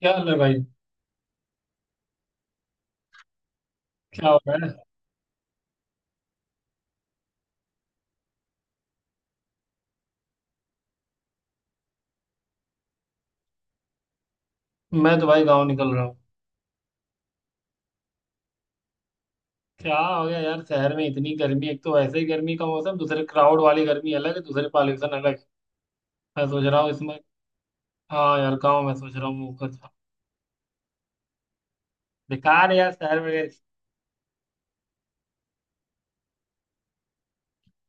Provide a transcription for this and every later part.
क्या हाल है भाई। क्या हो रहा है। मैं तो भाई गांव निकल रहा हूँ। क्या हो गया यार, शहर में इतनी गर्मी, एक तो वैसे ही गर्मी का मौसम, दूसरे क्राउड वाली गर्मी अलग है, दूसरे पॉल्यूशन अलग है। मैं सोच रहा हूँ इसमें। हाँ यार, गांव में सोच रहा हूँ मूव कर जाऊं। बेकार है यार, शहर में गए।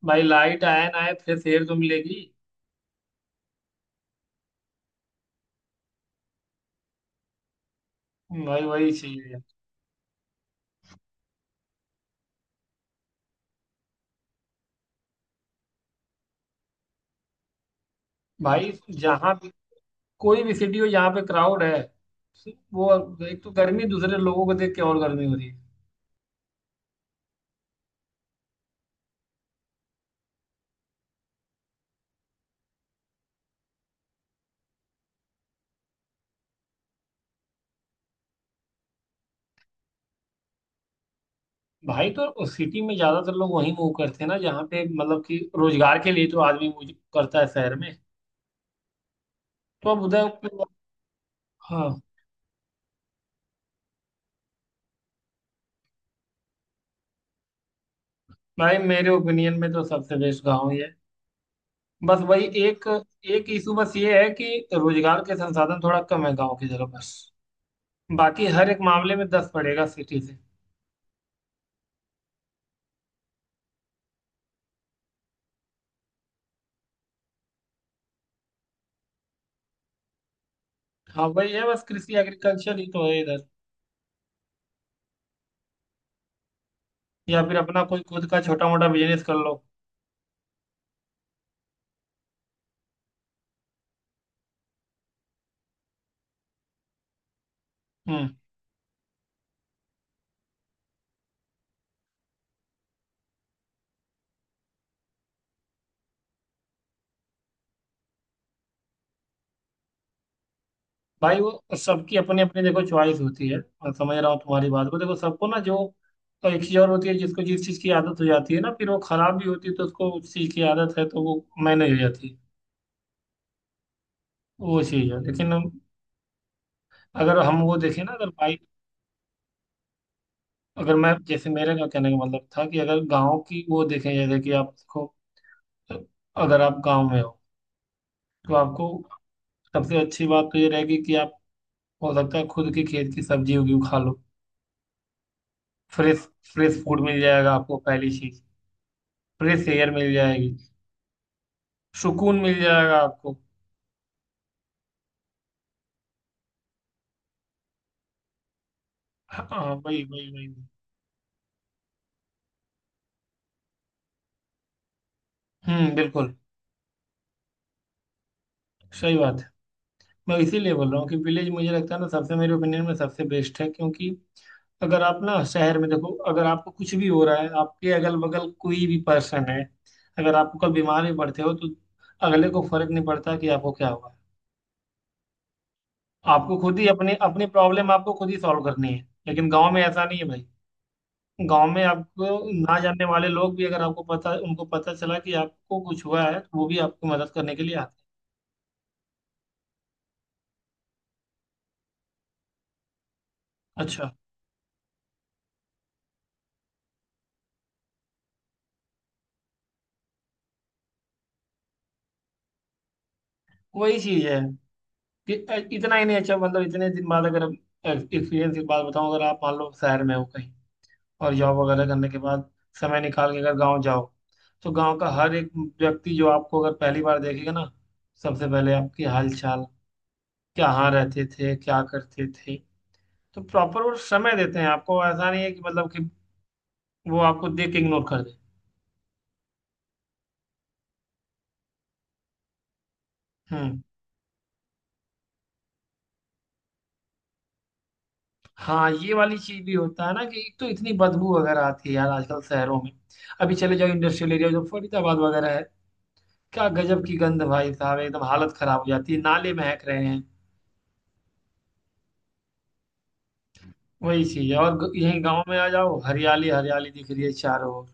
भाई लाइट आए ना आए, फ्रेश एयर तो मिलेगी। भाई वही चाहिए यार। भाई जहाँ भी कोई भी सिटी हो जहाँ पे क्राउड है, वो एक तो गर्मी, दूसरे लोगों को देख के और गर्मी हो रही है। भाई तो उस सिटी में ज्यादातर लोग वहीं मूव करते हैं ना, जहाँ पे मतलब कि रोजगार के लिए तो आदमी मूव करता है शहर में। तो अब उधर। हाँ भाई, मेरे ओपिनियन में तो सबसे बेस्ट गाँव ही है। बस वही एक, एक इशू बस ये है कि रोजगार के संसाधन थोड़ा कम है गाँव की जगह, बस। बाकी हर एक मामले में दस पड़ेगा सिटी से। हाँ वही है बस, कृषि एग्रीकल्चर ही तो है इधर। या फिर अपना कोई खुद का छोटा मोटा बिजनेस कर लो। हम्म। भाई वो सबकी अपनी अपनी देखो चॉइस होती है। मैं समझ रहा हूँ तुम्हारी बात को, देखो सबको ना जो, तो एक चीज और होती है जिसको जिस चीज की आदत हो जाती है ना, फिर वो खराब भी होती है। तो उसको उस चीज की आदत है तो वो मैनेज हो जाती है। वो चीज है, लेकिन अगर हम वो देखें ना, अगर भाई, अगर मैं जैसे, मेरे का कहने का मतलब था कि अगर गाँव की वो देखें, जैसे कि आप देखो, अगर आप गाँव में हो तो आपको सबसे अच्छी बात तो ये रहेगी कि आप, हो सकता है खुद के खेत की सब्जी उगी हुई खा लो। फ्रेश फ्रेश फूड मिल जाएगा आपको, पहली चीज। फ्रेश एयर मिल जाएगी। सुकून मिल जाएगा आपको। हाँ, वही वही वही। हम्म, बिल्कुल। सही बात है। मैं इसीलिए बोल रहा हूँ कि विलेज मुझे लगता है ना, सबसे मेरे ओपिनियन में सबसे बेस्ट है, क्योंकि अगर आप ना शहर में देखो, अगर आपको कुछ भी हो रहा है, आपके अगल बगल कोई भी पर्सन है, अगर आपको कल बीमार भी पड़ते हो तो अगले को फर्क नहीं पड़ता कि आपको क्या हुआ है। आपको खुद ही अपने अपनी प्रॉब्लम आपको खुद ही सॉल्व करनी है। लेकिन गाँव में ऐसा नहीं है भाई। गाँव में आपको ना जानने वाले लोग भी, अगर आपको पता, उनको पता चला कि आपको कुछ हुआ है, तो वो भी आपकी मदद करने के लिए आते हैं। अच्छा। वही चीज है कि इतना ही नहीं, अच्छा मतलब इतने दिन बाद अगर एक्सपीरियंस की बात बताऊं, अगर आप मान लो शहर में हो कहीं और जॉब वगैरह करने के बाद समय निकाल के अगर गांव जाओ, तो गांव का हर एक व्यक्ति जो आपको अगर पहली बार देखेगा ना, सबसे पहले आपकी हाल चाल, कहाँ रहते थे, क्या करते थे, तो प्रॉपर वो समय देते हैं आपको। ऐसा नहीं है कि मतलब कि वो आपको देख के इग्नोर कर दे। हम्म। हाँ, ये वाली चीज भी होता है ना कि एक तो इतनी बदबू वगैरह आती है यार आजकल शहरों में। अभी चले जाओ इंडस्ट्रियल एरिया, जो फरीदाबाद वगैरह है, क्या गजब की गंध भाई साहब, एकदम हालत खराब हो जाती है, नाले महक रहे हैं। वही चीज है। और यहीं गांव में आ जाओ, हरियाली हरियाली दिख रही है चारों ओर।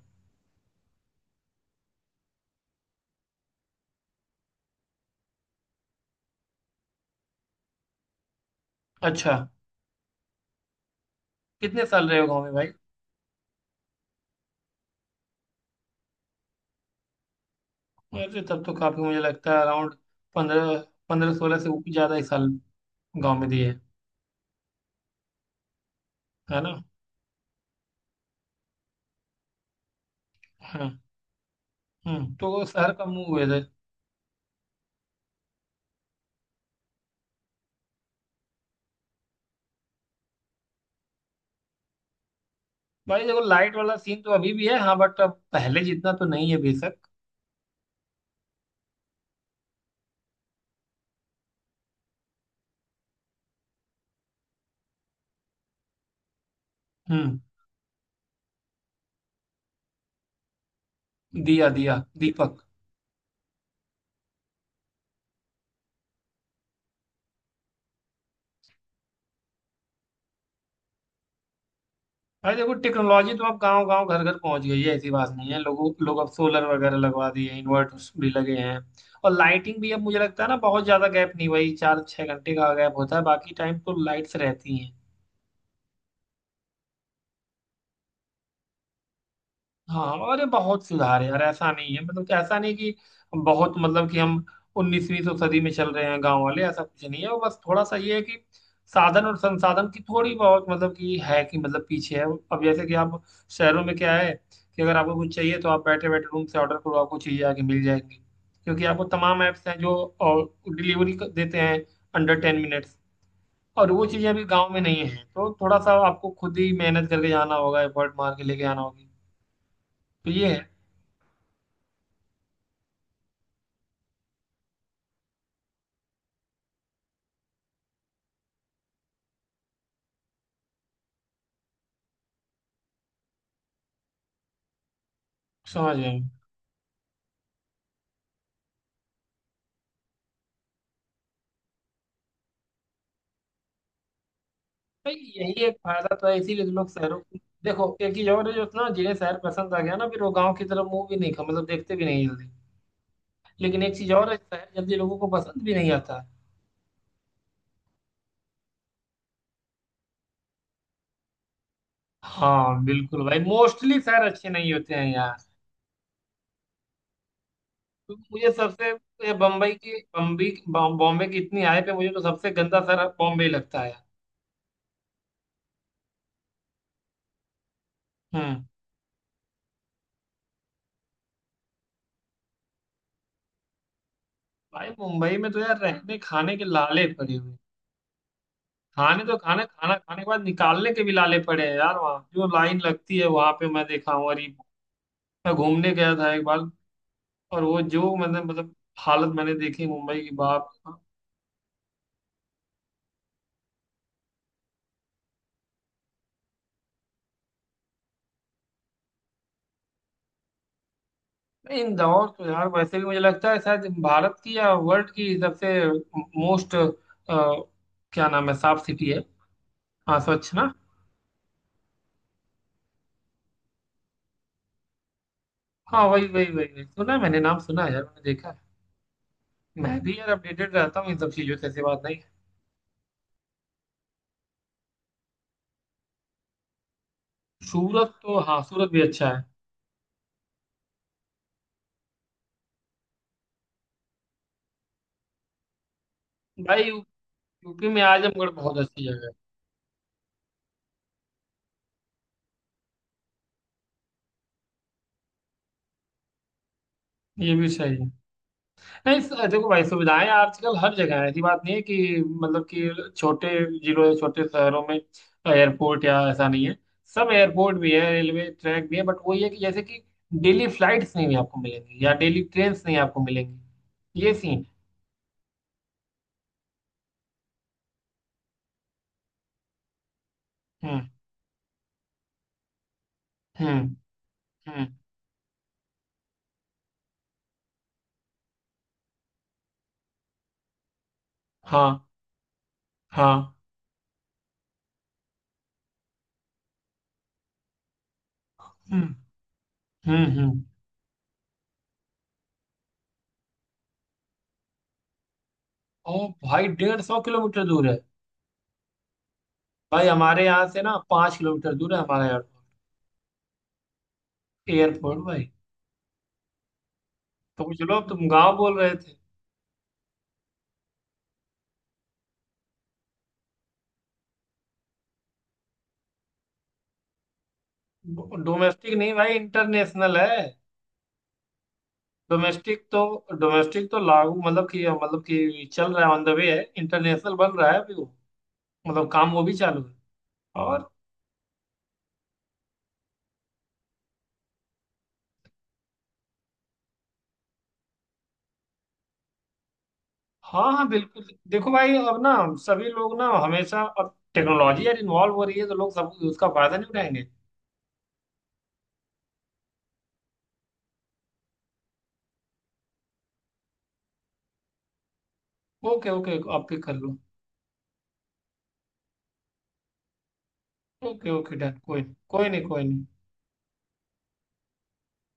अच्छा, कितने साल रहे हो गाँव में भाई? अरे तब तो काफी, मुझे लगता है अराउंड पंद्रह पंद्रह 16 से ऊपर ज्यादा ही साल गाँव में दिए। है ना? हाँ। हम्म, तो वो शहर का मुंह हुए थे। भाई देखो, लाइट वाला सीन तो अभी भी है हाँ, बट अब पहले जितना तो नहीं है बेशक। हम्म। दिया, दिया, दीपक। भाई देखो, टेक्नोलॉजी तो अब गांव गांव घर घर पहुंच गई है, ऐसी बात नहीं है, लोगों लोग अब सोलर वगैरह लगवा दिए हैं, इन्वर्टर्स भी लगे हैं। और लाइटिंग भी, अब मुझे लगता है ना, बहुत ज्यादा गैप नहीं भाई, 4-6 घंटे का गैप होता है, बाकी टाइम तो लाइट्स रहती हैं। हाँ, अरे बहुत सुधार है यार, ऐसा नहीं है मतलब कि, ऐसा नहीं कि बहुत, मतलब कि हम उन्नीसवीं सौ सदी में चल रहे हैं गांव वाले, ऐसा कुछ नहीं है। वो बस थोड़ा सा ये है कि साधन और संसाधन की थोड़ी बहुत मतलब कि है कि, मतलब पीछे है। अब जैसे कि आप, शहरों में क्या है कि अगर आपको कुछ चाहिए तो आप बैठे बैठे रूम से ऑर्डर करो, आपको चीजें आके मिल जाएंगी, क्योंकि आपको तमाम ऐप्स हैं जो डिलीवरी देते हैं अंडर 10 मिनट्स। और वो चीजें अभी गाँव में नहीं है, तो थोड़ा सा आपको खुद ही मेहनत करके जाना होगा, एफर्ट मार के लेके आना होगी, तो ये है। समझ गए। भाई यही एक फायदा तो है, इसीलिए तो लोग शहरों को देखो, एक चीज और है जो, ना जिन्हें शहर पसंद आ गया ना, फिर वो गांव की तरफ मुंह भी नहीं खा, मतलब देखते भी नहीं जल्दी। लेकिन एक चीज और है, शहर जल्दी लोगों को पसंद भी नहीं आता। हाँ बिल्कुल भाई, मोस्टली शहर अच्छे नहीं होते हैं यार। तो मुझे सबसे, ये बम्बई की, बम्बई बॉम्बे की, इतनी आय पे मुझे तो सबसे गंदा शहर बॉम्बे लगता है। हम्म। भाई मुंबई में तो यार रहने खाने के लाले पड़े हुए हैं। खाने तो, खाना खाना खाने के बाद निकालने के भी लाले पड़े हैं यार, वहाँ जो लाइन लगती है वहां पे, मैं देखा हूँ, अरे। मैं घूमने गया था एक बार, और वो जो मैंने, मतलब हालत मैंने देखी मुंबई की, बाप रे बाप। नहीं, इंदौर तो यार वैसे भी मुझे लगता है शायद भारत की या वर्ल्ड की सबसे मोस्ट, क्या नाम है, साफ सिटी है। हाँ, स्वच्छ ना। हाँ, वही वही वही वही सुना है, मैंने नाम सुना है यार, मैंने देखा है। मैं भी यार अपडेटेड रहता हूँ इन सब चीजों से, ऐसी बात नहीं है। सूरत तो, हाँ सूरत भी अच्छा है। भाई यूपी में आजमगढ़ बहुत अच्छी जगह। है, ये भी सही है। नहीं देखो भाई, सुविधाएं आजकल हर जगह है, ऐसी बात नहीं है कि मतलब कि छोटे जिलों या छोटे शहरों में एयरपोर्ट या, ऐसा नहीं है। सब एयरपोर्ट भी है, रेलवे ट्रैक भी है, बट वही है कि जैसे कि डेली फ्लाइट्स नहीं भी आपको मिलेंगी, या डेली ट्रेन नहीं आपको मिलेंगी, ये सीन। हम्म। हम्म। हम्म। हाँ। हाँ। हम्म। हम्म। हम्म। और भाई 150 किलोमीटर दूर है? भाई हमारे यहाँ से ना 5 किलोमीटर दूर है हमारा एयरपोर्ट। एयरपोर्ट भाई। तुम चलो, अब तुम गांव बोल रहे थे। डोमेस्टिक नहीं भाई, इंटरनेशनल है। डोमेस्टिक तो, डोमेस्टिक तो लागू, मतलब कि चल रहा है, ऑन द वे है, इंटरनेशनल बन रहा है अभी वो, मतलब काम वो भी चालू है। और हाँ हाँ बिल्कुल, देखो भाई, अब ना सभी लोग ना, हमेशा अब टेक्नोलॉजी यार इन्वॉल्व हो रही है, तो लोग सब उसका फायदा नहीं उठाएंगे। ओके ओके, आप पिक कर लो। ओके ओके डन, कोई, कोई नहीं, कोई नहीं।